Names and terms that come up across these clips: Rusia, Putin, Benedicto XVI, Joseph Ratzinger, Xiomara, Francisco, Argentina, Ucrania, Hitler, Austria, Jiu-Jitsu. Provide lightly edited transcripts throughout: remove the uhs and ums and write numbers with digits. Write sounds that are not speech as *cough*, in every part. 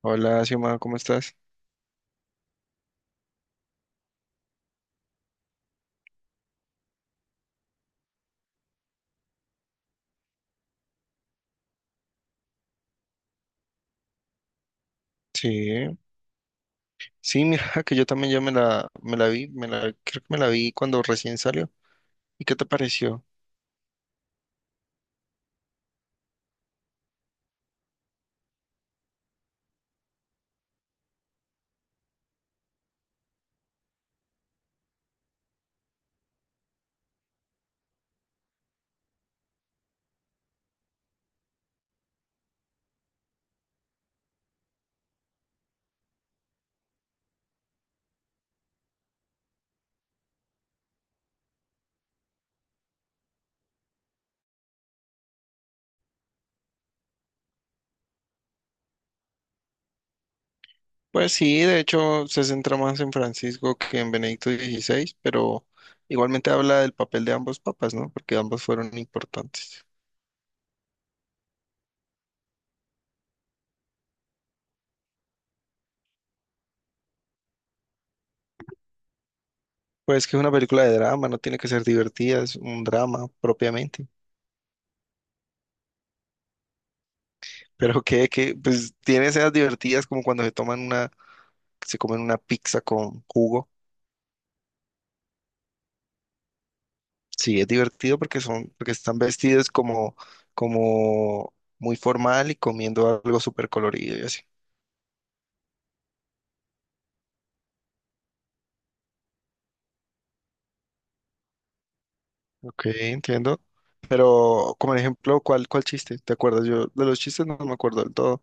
Hola, Xiomara, ¿cómo estás? Sí, sí, mira, *laughs* que yo también ya me la vi, creo que me la vi cuando recién salió. ¿Y qué te pareció? Pues sí, de hecho se centra más en Francisco que en Benedicto XVI, pero igualmente habla del papel de ambos papas, ¿no? Porque ambos fueron importantes. Pues que es una película de drama, no tiene que ser divertida, es un drama propiamente. *laughs* Pero pues tiene escenas divertidas como cuando se comen una pizza con jugo. Sí, es divertido porque están vestidos como, muy formal y comiendo algo súper colorido y así. Ok, entiendo. Pero, como ejemplo, ¿cuál chiste? ¿Te acuerdas? Yo de los chistes no me acuerdo del todo.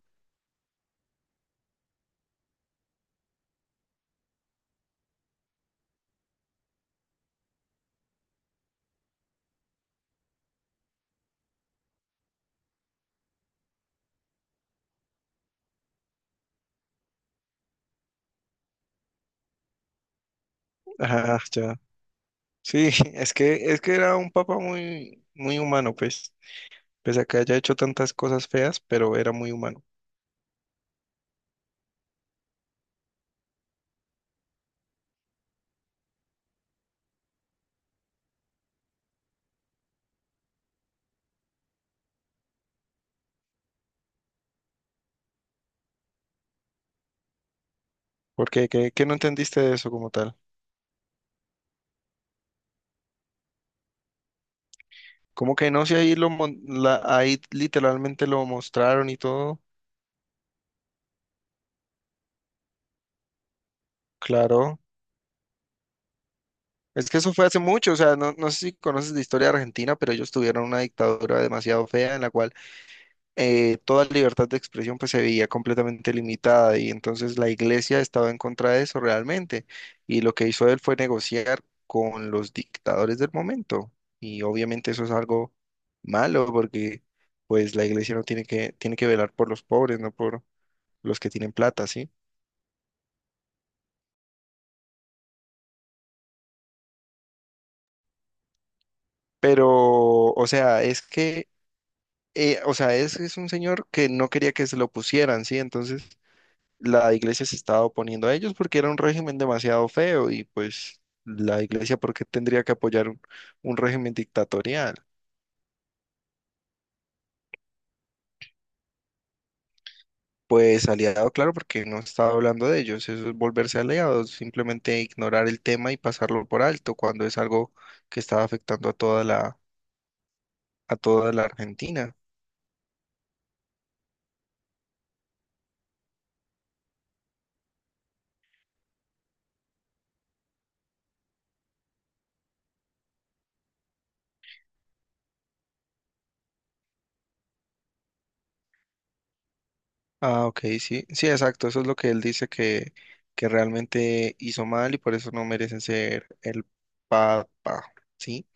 Ah, ya. Sí, *laughs* es que era un papá muy, muy humano, pues. Pese a que haya hecho tantas cosas feas, pero era muy humano. ¿Por qué? ¿Qué no entendiste de eso como tal? Como que no, si ahí ahí literalmente lo mostraron y todo. Claro. Es que eso fue hace mucho, o sea, no sé si conoces la historia de Argentina, pero ellos tuvieron una dictadura demasiado fea en la cual toda libertad de expresión pues se veía completamente limitada y entonces la iglesia estaba en contra de eso realmente y lo que hizo él fue negociar con los dictadores del momento y obviamente eso es algo malo porque pues la iglesia no tiene que velar por los pobres, no por los que tienen plata, ¿sí? Pero, o sea, es que o sea, es un señor que no quería que se lo pusieran, ¿sí? Entonces la iglesia se estaba oponiendo a ellos porque era un régimen demasiado feo y pues la iglesia, ¿por qué tendría que apoyar un régimen dictatorial? Pues aliado, claro, porque no estaba hablando de ellos, eso es volverse aliado simplemente ignorar el tema y pasarlo por alto cuando es algo que estaba afectando a toda la Argentina. Ah, ok, sí, sí, exacto, eso es lo que él dice que realmente hizo mal y por eso no merecen ser el papa, ¿sí?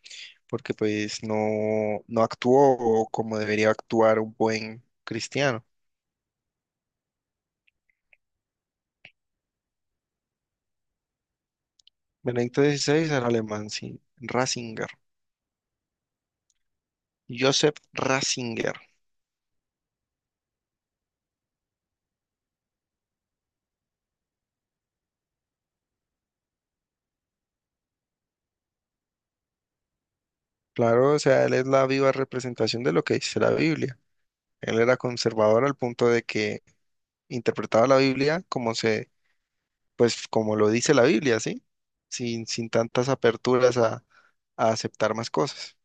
Porque pues no, no actuó como debería actuar un buen cristiano. Benedicto XVI era alemán, sí, Ratzinger, Joseph Ratzinger. Claro, o sea, él es la viva representación de lo que dice la Biblia. Él era conservador al punto de que interpretaba la Biblia como se pues como lo dice la Biblia, ¿sí? Sin tantas aperturas a aceptar más cosas.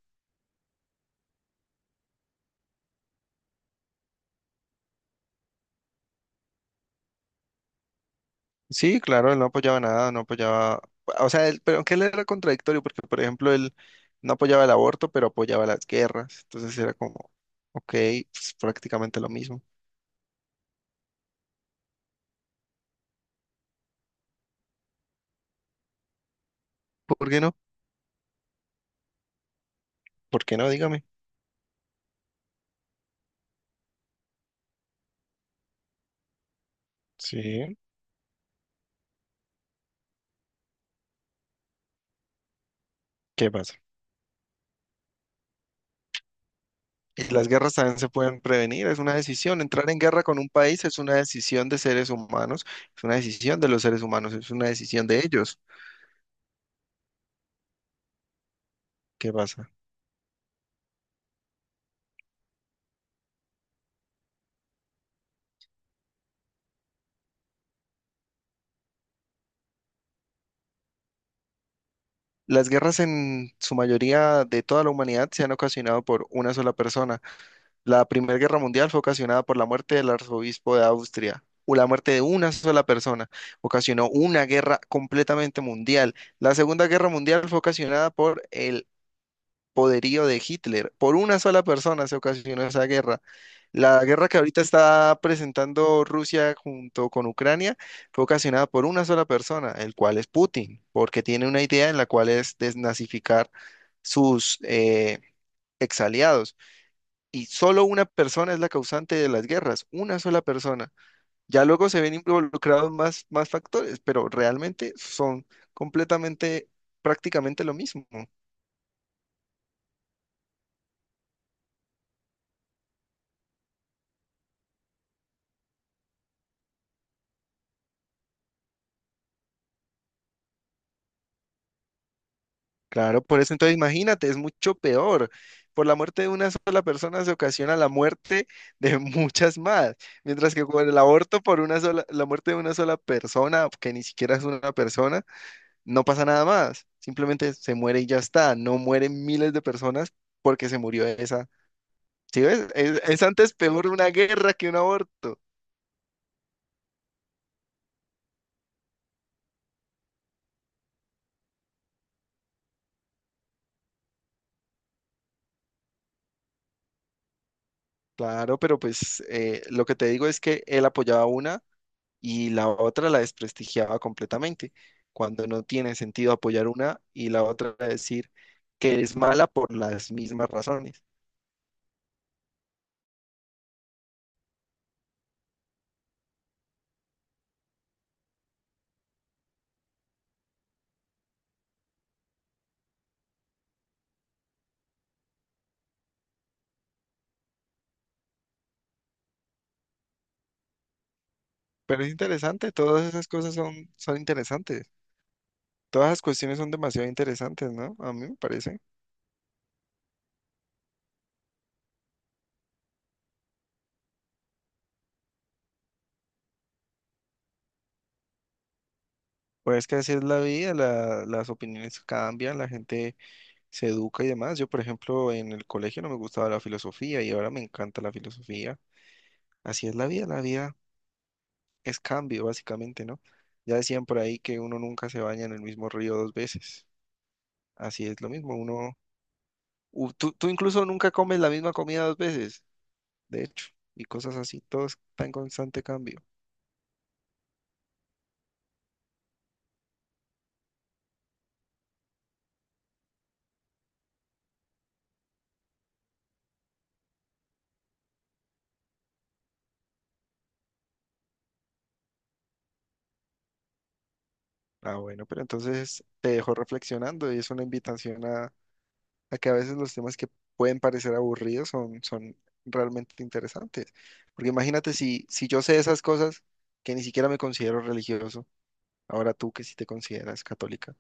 Sí, claro, él no apoyaba nada, no apoyaba, o sea, pero aunque él era contradictorio, porque por ejemplo, él no apoyaba el aborto, pero apoyaba las guerras, entonces era como, ok, pues prácticamente lo mismo. ¿Por qué no? ¿Por qué no? Dígame. Sí, ¿qué pasa? Y las guerras también se pueden prevenir, es una decisión. Entrar en guerra con un país es una decisión de seres humanos, es una decisión de los seres humanos, es una decisión de ellos. ¿Qué pasa? Las guerras en su mayoría de toda la humanidad se han ocasionado por una sola persona. La Primera Guerra Mundial fue ocasionada por la muerte del arzobispo de Austria, o la muerte de una sola persona. Ocasionó una guerra completamente mundial. La Segunda Guerra Mundial fue ocasionada por el poderío de Hitler. Por una sola persona se ocasionó esa guerra. La guerra que ahorita está presentando Rusia junto con Ucrania fue ocasionada por una sola persona, el cual es Putin, porque tiene una idea en la cual es desnazificar sus exaliados. Y solo una persona es la causante de las guerras, una sola persona. Ya luego se ven involucrados más factores, pero realmente son completamente, prácticamente lo mismo. Claro, por eso entonces imagínate, es mucho peor. Por la muerte de una sola persona se ocasiona la muerte *laughs* de muchas más, mientras que con el aborto la muerte de una sola persona, que ni siquiera es una persona, no pasa nada más. Simplemente se muere y ya está. No mueren miles de personas porque se murió esa. ¿Sí ves? Es antes peor una guerra que un aborto. Claro, pero pues lo que te digo es que él apoyaba una. Y la otra la desprestigiaba completamente, cuando no tiene sentido apoyar una y la otra decir que es mala por las mismas razones. Pero es interesante, todas esas cosas son interesantes. Todas las cuestiones son demasiado interesantes, ¿no? A mí me parece. Pues es que así es la vida, las opiniones cambian, la gente se educa y demás. Yo, por ejemplo, en el colegio no me gustaba la filosofía y ahora me encanta la filosofía. Así es la vida es cambio, básicamente, ¿no? Ya decían por ahí que uno nunca se baña en el mismo río dos veces. Así es lo mismo, tú incluso nunca comes la misma comida dos veces, de hecho, y cosas así, todo está en constante cambio. Ah, bueno, pero entonces te dejo reflexionando y es una invitación a que a veces los temas que pueden parecer aburridos son realmente interesantes. Porque imagínate si yo sé esas cosas que ni siquiera me considero religioso, ahora tú que si te consideras católica.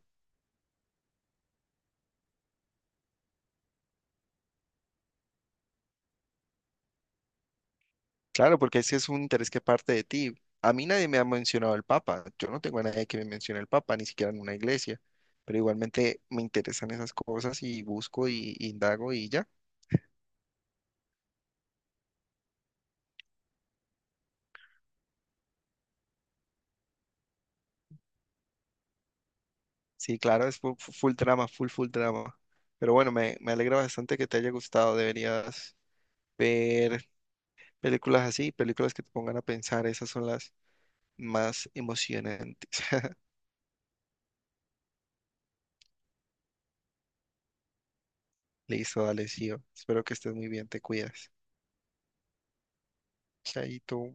Claro, porque ese es un interés que parte de ti. A mí nadie me ha mencionado el Papa. Yo no tengo a nadie que me mencione el Papa, ni siquiera en una iglesia. Pero igualmente me interesan esas cosas y busco y indago y ya. Sí, claro, es full, full drama, full, full drama. Pero bueno, me alegra bastante que te haya gustado. Deberías ver películas así, películas que te pongan a pensar. Esas son las más emocionantes. *laughs* Listo, dale, sí. Espero que estés muy bien, te cuidas. Chaito.